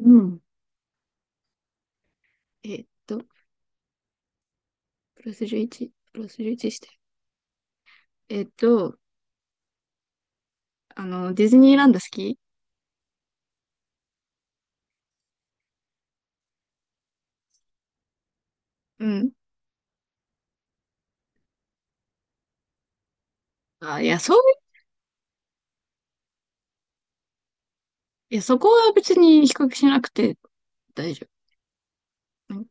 うん。えっと、プラス11、プラス11して。えっと、ディズニーランド好き？うん。あ、いや、そう、いや、そこは別に比較しなくて大丈夫。うん。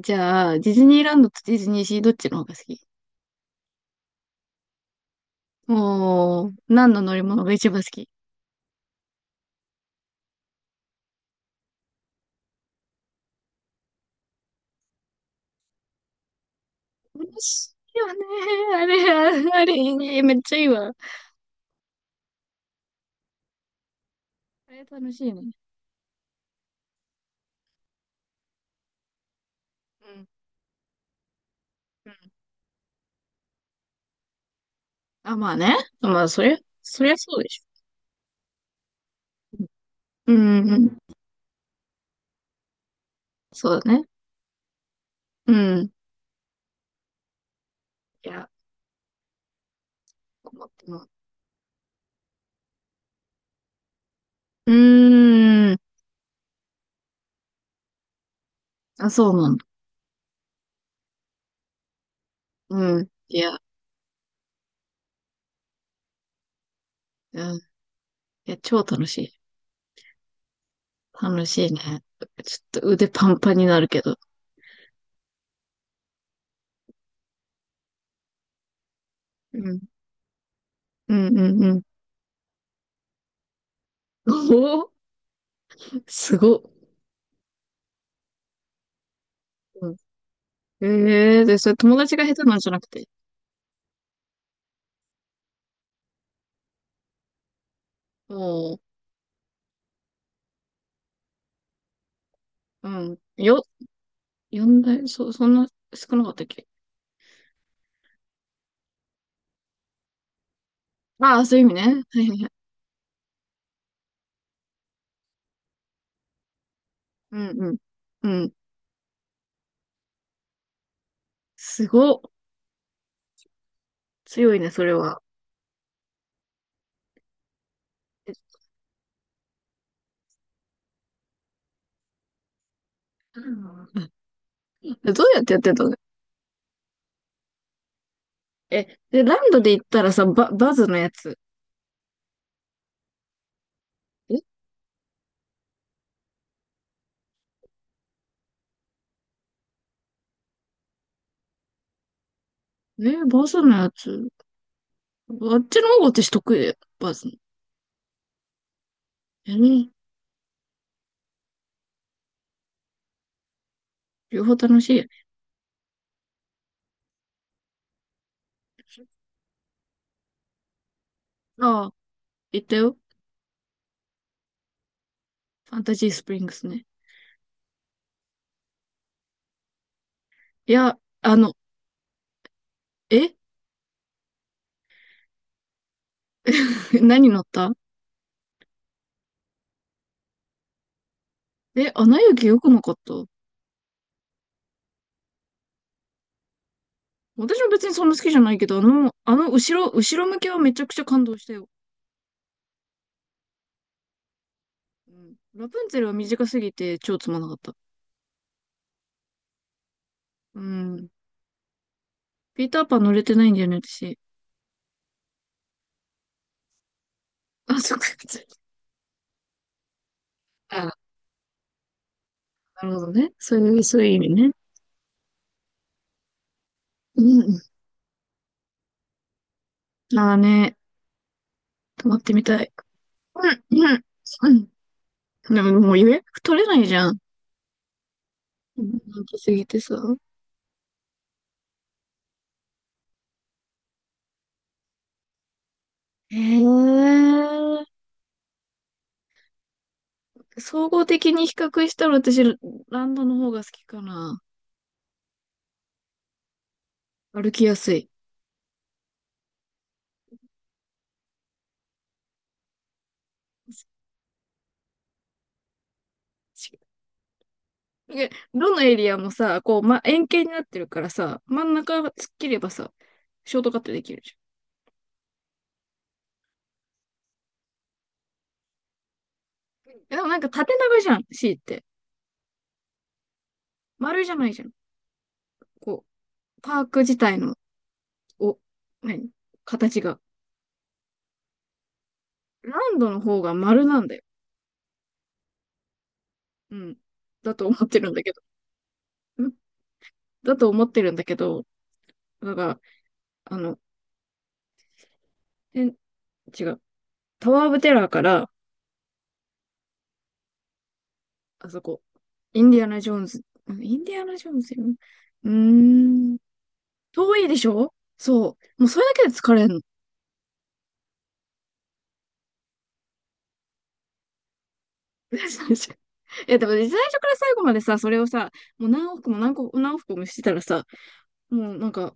じゃあ、ディズニーランドとディズニーシーどっちの方が好き？もう、何の乗り物が一番好き？楽しいよね。あれ、ああれ、いいね、めっちゃいいわ。あれ楽しいね。うん。うん。あ、まあね。まあ、そりゃそうでしょ。うん。うんうん。そうだね。うん。いや、思っても。うーん。あ、そうなんだ。うん。いや、うん。いや、超楽しい。楽しいね。ちょっと腕パンパンになるけど。うん。うんうんうん。おお、すごっ。うん。ええ。で、それ友達が下手なんじゃなくて。もう、うん。呼んだよ。そんな少なかったっけ？ああ、そういう意味ね。はいはいはい。うんうん。うん。すごっ。強いね、それは。え、うん。どうやってやってたの？え、で、ランドで行ったらさ、バズのやつ。バズのやつ。あっちの方が私得意だよ。バズの。ね、両方楽しいよね。ああ、行ったよ。ファンタジースプリングスね。いや、え 何乗った？え、アナ雪良くなかった？私も別にそんな好きじゃないけど、後ろ向きはめちゃくちゃ感動したよ。うん。ラプンツェルは短すぎて超つまんなかった。うん。ピーターパン乗れてないんだよね、私。あ、そっか。あ、なるほどね。そういう意味ね。うん。ああ、ね、泊まってみたい。うん、うん。うん。でももう予約取れないじゃん。人気すぎてさ。へえ。総合的に比較したら私、ランドの方が好きかな。歩きやすい。しどのエリアもさ、円形になってるからさ、真ん中が突っ切ればさ、ショートカットできるじゃん。でもなんか縦長じゃん、C って。丸じゃないじゃん。こパーク自体の、お、何、形が。ランドの方が丸なんだよ。うん。だと思ってるんだけど。んだと思ってるんだけど、なんか、あの、え、違う。タワー・オブ・テラーから、あそこ、インディアナ・ジョーンズ、インディアナ・ジョーンズよね。うーん、遠いでしょ？そう。もうそれだけで疲れんの。いや、でも最初から最後までさ、それをさ、もう何往復も何往復もしてたらさ、もうなんか、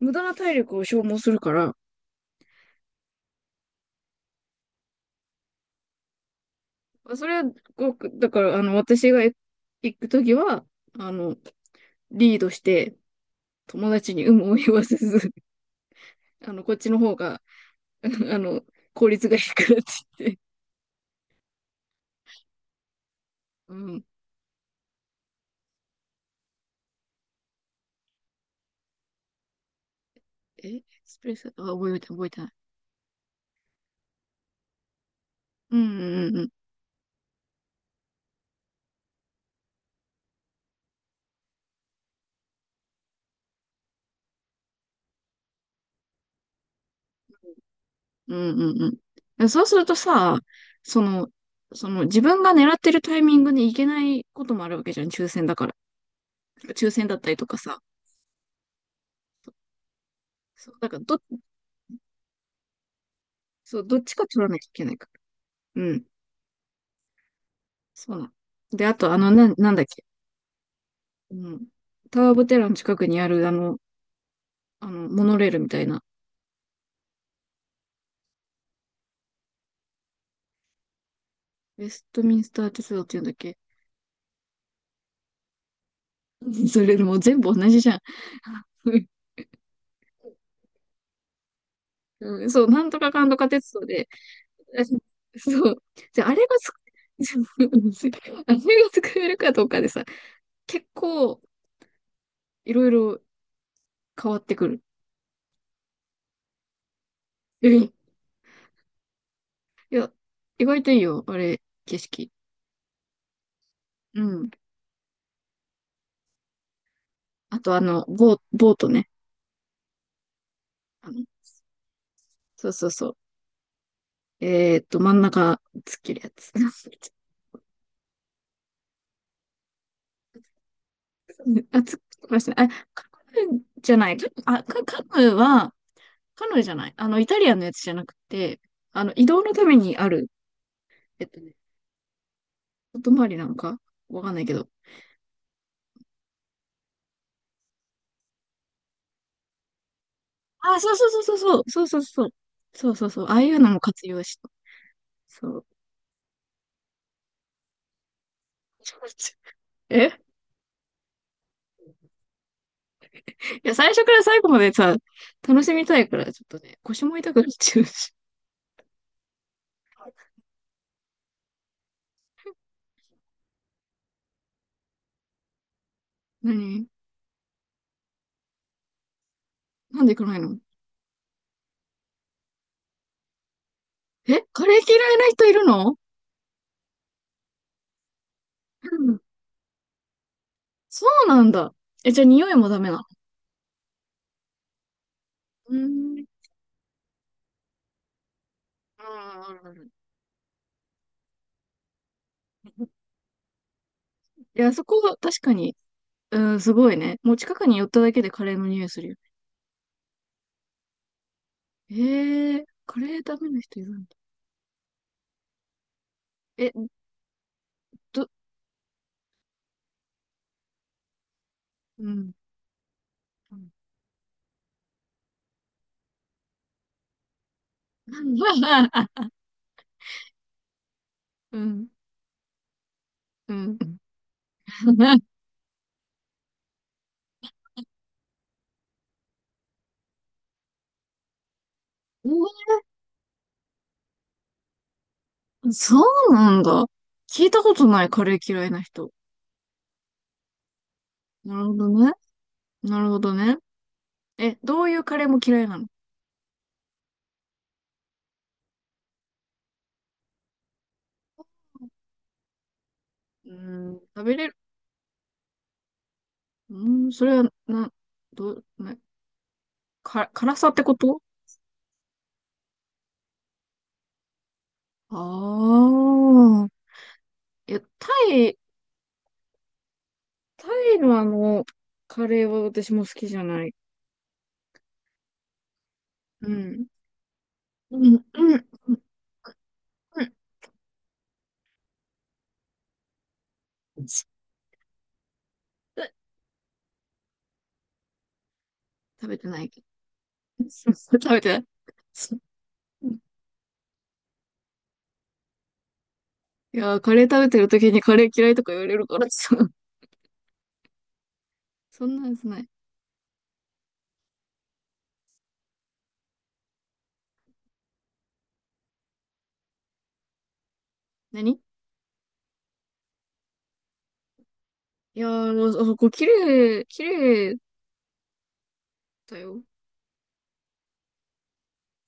無駄な体力を消耗するから、それは、だから、私が行くときは、あの、リードして、友達に有無を言わせず、こっちの方が、あの、効率がいいからって言って。うん。え、エクスプレス、あ、覚えてない、覚えてない。うんうんうん。うんうんうん。そうするとさ、その、その自分が狙ってるタイミングに行けないこともあるわけじゃん、抽選だから。抽選だったりとかさ。そう、だからそう、どっちか取らなきゃいけないから。うん。そうなの。で、あと、なんだっけ。うん。タワー・オブ・テラーの近くにある、モノレールみたいな。ウェストミンスター鉄道っていうんだっけ？ それもう全部同じじゃん。うん、そう、なんとかかんとか鉄道で。そう。で、あれがつ、あれが作れるかどうかでさ、結構いろいろ変わってくる。うん。いや、意外といいよ、あれ、景色。うん。あとボートね。あの、そうそうそう。真ん中、突っ切るやつ。あ、突っ切りましたね。あ、カヌーじゃない。あ、カカヌーは、カヌーじゃない。イタリアンのやつじゃなくて、移動のためにある、えっとね、外回りなんかわかんないけど。あ、そうそうそうそうそう、そうそうそう。そうそうそう、ああいうのも活用した。そう。え、いや、最初から最後までさ、楽しみたいから、ちょっとね、腰も痛くなっちゃうし。何？なんで行かないの？え、カレー嫌いな人いるの？うん。そうなんだ。え、じゃあ匂いもダメなの？うーん。あん、あるある。いや、そこは確かに。うん、すごいね。もう近くに寄っただけでカレーの匂いするよね。ええー、カレーダメな人いるんだ。え、ど、うん。うん。うん。うん。うん。そうなんだ。聞いたことないカレー嫌いな人。なるほどね。なるほどね。え、どういうカレーも嫌いなの？うーん、食べれる。うーん、それは、な、どう、な、か、辛さってこと？ああー。いや、イ、タイのカレーは私も好きじゃない。うん。うん、うん、うん、うん。食べてないけど。食べてない。そう。いやー、カレー食べてる時にカレー嫌いとか言われるからさ。そんなんですない。何？いやー、もうあそこ綺麗、綺麗だよ。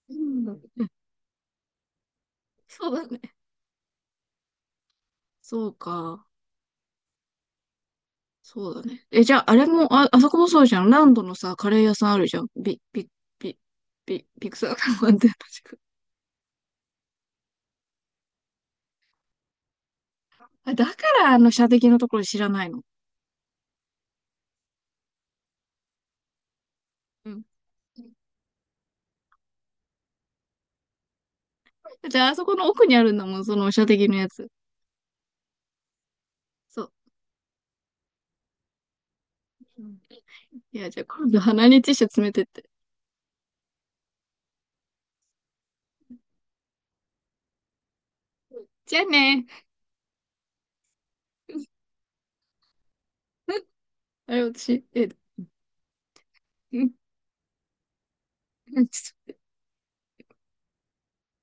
うん。そうだね。そうか。そうだね。え、じゃあ、あれも、あ、あそこもそうじゃん。ランドのさ、カレー屋さんあるじゃん。ビ、ビクサーカンって あ、だからあの射的のところ知らないの？うん。だってあそこの奥にあるんだもん、その射的のやつ。そう。うん。いや、じゃあ今度鼻にティッシュ詰めてって。じゃあね。あれ、私、え、うん。